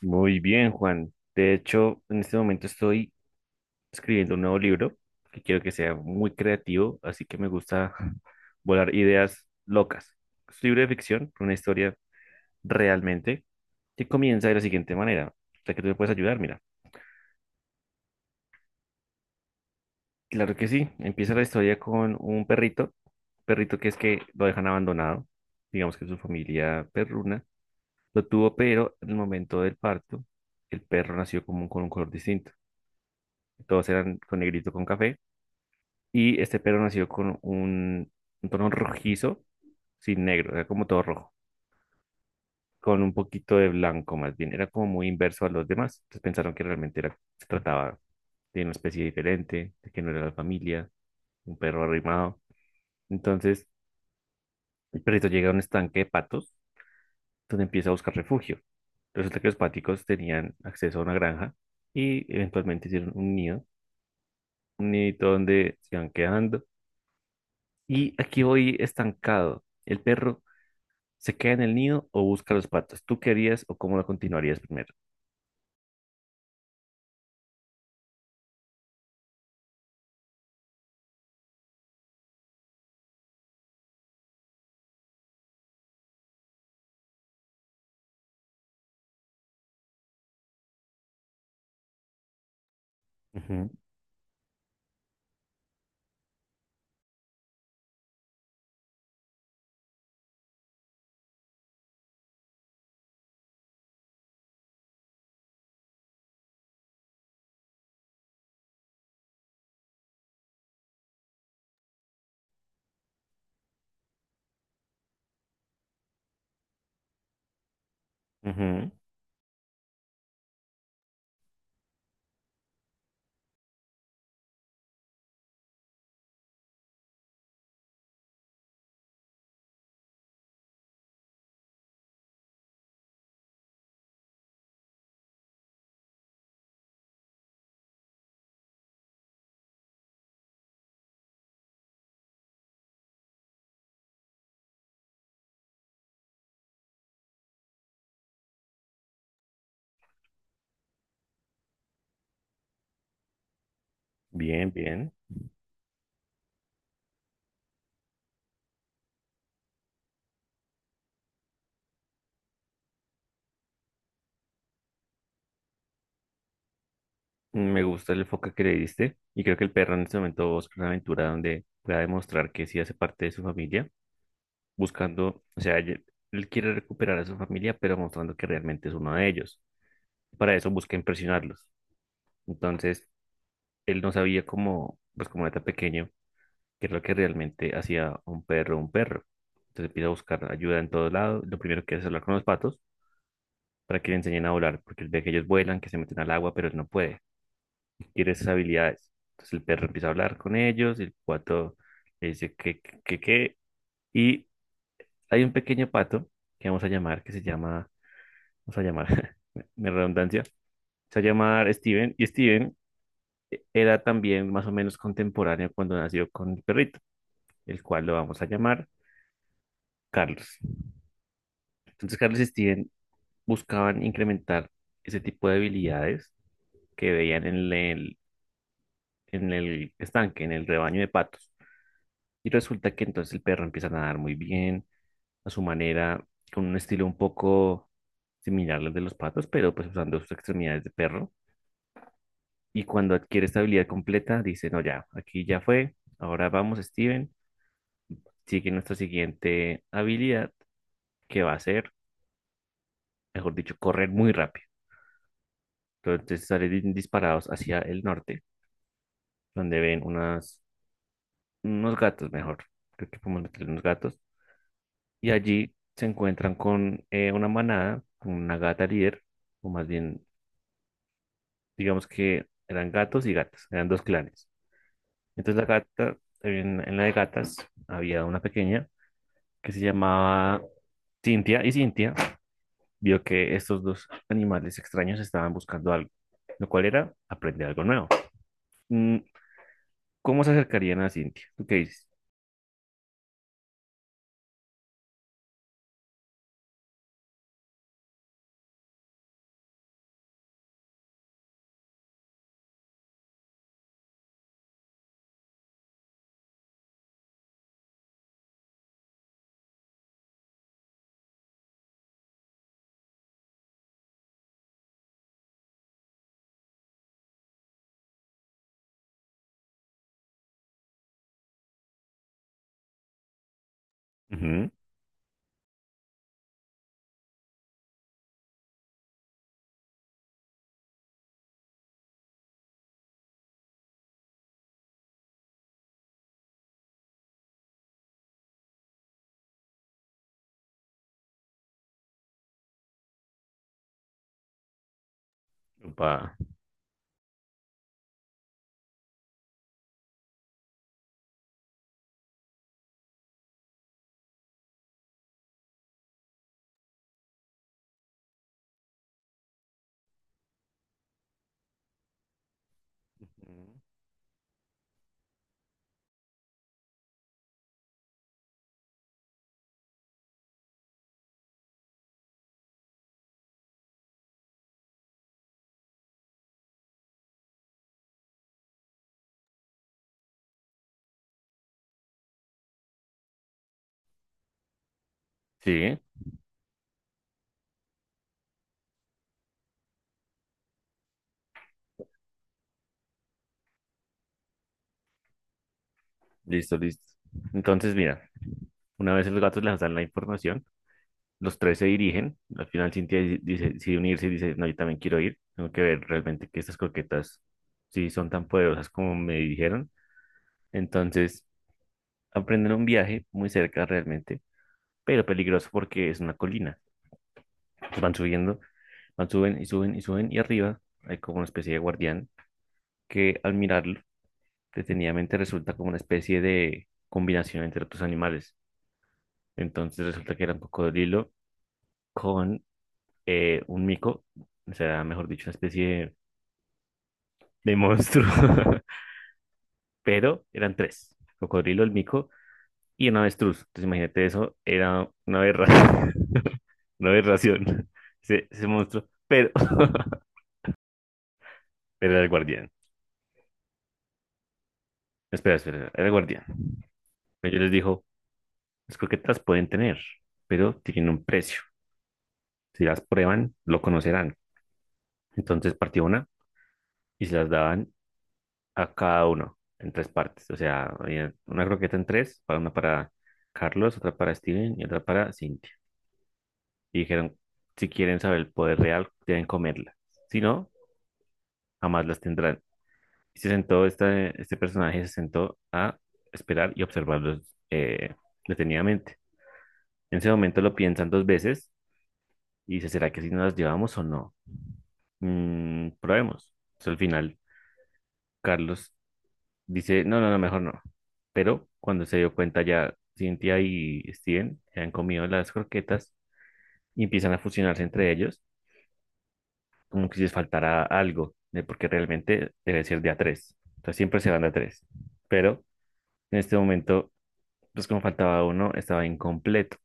Muy bien, Juan. De hecho, en este momento estoy escribiendo un nuevo libro que quiero que sea muy creativo, así que me gusta volar ideas locas. Es un libro de ficción, una historia realmente, que comienza de la siguiente manera. O sea que tú me puedes ayudar, mira. Claro que sí. Empieza la historia con un perrito, perrito que es que lo dejan abandonado. Digamos que su familia perruna lo tuvo, pero en el momento del parto, el perro nació como con un color distinto. Todos eran con negrito con café. Y este perro nació con un tono rojizo, sin negro, era como todo rojo, con un poquito de blanco más bien. Era como muy inverso a los demás. Entonces pensaron que realmente era, se trataba de una especie diferente, de que no era la familia, un perro arrimado. Entonces el perrito llega a un estanque de patos donde empieza a buscar refugio. Resulta que los páticos tenían acceso a una granja y eventualmente hicieron un nido, un nidito donde se iban quedando. Y aquí voy estancado. El perro, ¿se queda en el nido o busca los patos? ¿Tú qué harías o cómo lo continuarías primero? Ujú, ujú. Bien, bien. Me gusta el enfoque que le diste y creo que el perro en este momento busca una aventura donde pueda demostrar que sí hace parte de su familia, buscando, o sea, él quiere recuperar a su familia, pero mostrando que realmente es uno de ellos. Para eso busca impresionarlos. Entonces, él no sabía cómo, pues como era tan pequeño, qué es lo que realmente hacía un perro un perro. Entonces empieza a buscar ayuda en todos lados. Lo primero que hace es hablar con los patos para que le enseñen a volar, porque él ve que ellos vuelan, que se meten al agua, pero él no puede, tiene esas habilidades. Entonces el perro empieza a hablar con ellos, el pato le dice que, y hay un pequeño pato que vamos a llamar, que se llama, vamos a llamar, me redundancia, se llama Steven, y Steven era también más o menos contemporáneo cuando nació con el perrito, el cual lo vamos a llamar Carlos. Entonces Carlos y Steven buscaban incrementar ese tipo de habilidades que veían en el estanque, en el rebaño de patos. Y resulta que entonces el perro empieza a nadar muy bien, a su manera, con un estilo un poco similar al de los patos, pero pues usando sus extremidades de perro. Y cuando adquiere esta habilidad completa, dice, no, ya, aquí ya fue, ahora vamos, Steven, sigue nuestra siguiente habilidad, que va a ser, mejor dicho, correr muy rápido. Entonces salen disparados hacia el norte, donde ven unos gatos, mejor, creo que podemos meter unos gatos y allí se encuentran con una manada, con una gata líder, o más bien, digamos que eran gatos y gatas, eran dos clanes. Entonces la gata, en la de gatas, había una pequeña que se llamaba Cintia, y Cintia vio que estos dos animales extraños estaban buscando algo, lo cual era aprender algo nuevo. Mm, ¿Cómo se acercarían a Cintia? ¿Tú qué dices? Ujú, upa. Ujú. Sí, listo, listo. Entonces, mira, una vez los gatos les dan la información, los tres se dirigen. Al final Cintia dice, decide unirse y dice, no, yo también quiero ir. Tengo que ver realmente que estas croquetas sí son tan poderosas como me dijeron. Entonces, aprenden un viaje muy cerca realmente, pero peligroso porque es una colina. Van subiendo, van, suben y suben y suben y arriba hay como una especie de guardián que al mirarlo detenidamente resulta como una especie de combinación entre otros animales. Entonces resulta que era un cocodrilo con un mico, o sea, mejor dicho, una especie de monstruo, pero eran tres, el cocodrilo, el mico y un avestruz. Entonces imagínate eso, era una aberración, una aberración, ese monstruo, pero, pero era el guardián. Espera, espera, era el guardián. Pero yo les dijo, las croquetas pueden tener, pero tienen un precio. Si las prueban, lo conocerán. Entonces partió una y se las daban a cada uno en tres partes. O sea, había una croqueta en tres, para una para Carlos, otra para Steven y otra para Cinti. Y dijeron, si quieren saber el poder real, deben comerla, si no, jamás las tendrán. Y se sentó, este personaje se sentó a esperar y observarlos eh, detenidamente. En ese momento lo piensan dos veces y dice, ¿será que si nos las llevamos o no? Probemos. Entonces, al final, Carlos dice, no, no, no, mejor no. Pero cuando se dio cuenta ya, Cynthia y Steven se han comido las croquetas y empiezan a fusionarse entre ellos como que si les faltará algo, ¿eh? Porque realmente debe ser de a tres. Entonces siempre se van de a tres. Pero en este momento, pues como faltaba uno, estaba incompleto.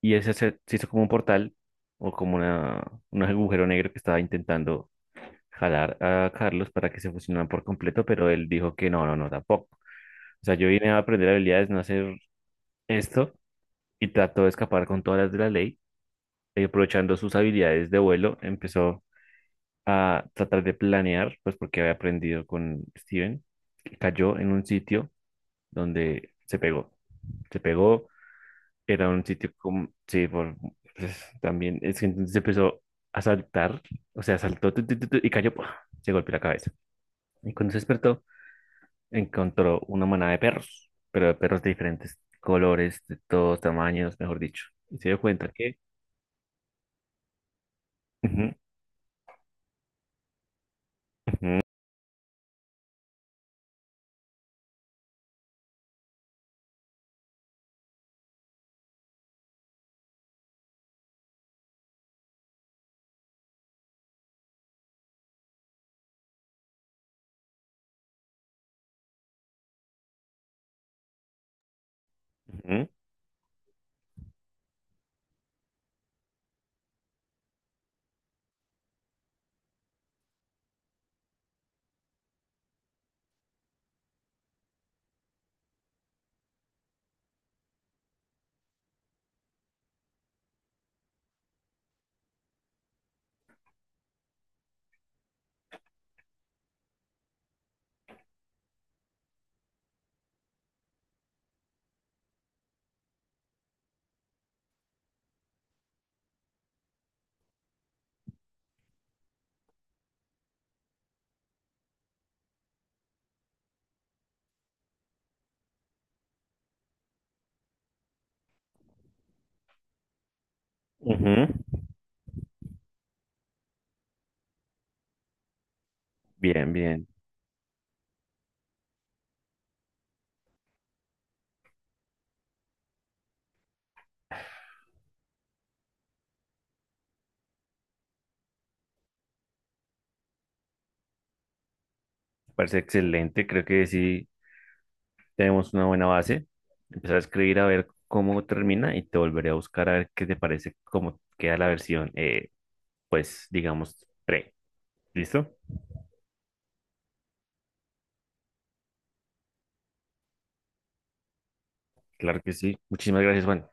Y ese se hizo como un portal o como una, un agujero negro que estaba intentando jalar a Carlos para que se fusionaran por completo, pero él dijo que no, no, no, tampoco. O sea, yo vine a aprender habilidades, no a hacer esto, y trató de escapar con todas las de la ley, y aprovechando sus habilidades de vuelo, empezó a tratar de planear, pues porque había aprendido con Steven, y cayó en un sitio donde se pegó. Se pegó, era un sitio como, sí, por, pues, también, es que entonces empezó a saltar, o sea, saltó tu, tu, tu, tu, y cayó, ¡pua! Se golpeó la cabeza. Y cuando se despertó, encontró una manada de perros, pero de perros de diferentes colores, de todos tamaños, mejor dicho. Y se dio cuenta que... Ujú, ujú, ujú, ujú. Bien, bien. Parece excelente. Creo que sí tenemos una buena base. Empezar a escribir a ver cómo termina y te volveré a buscar a ver qué te parece, cómo queda la versión, pues digamos, pre. ¿Listo? Claro que sí. Muchísimas gracias, Juan.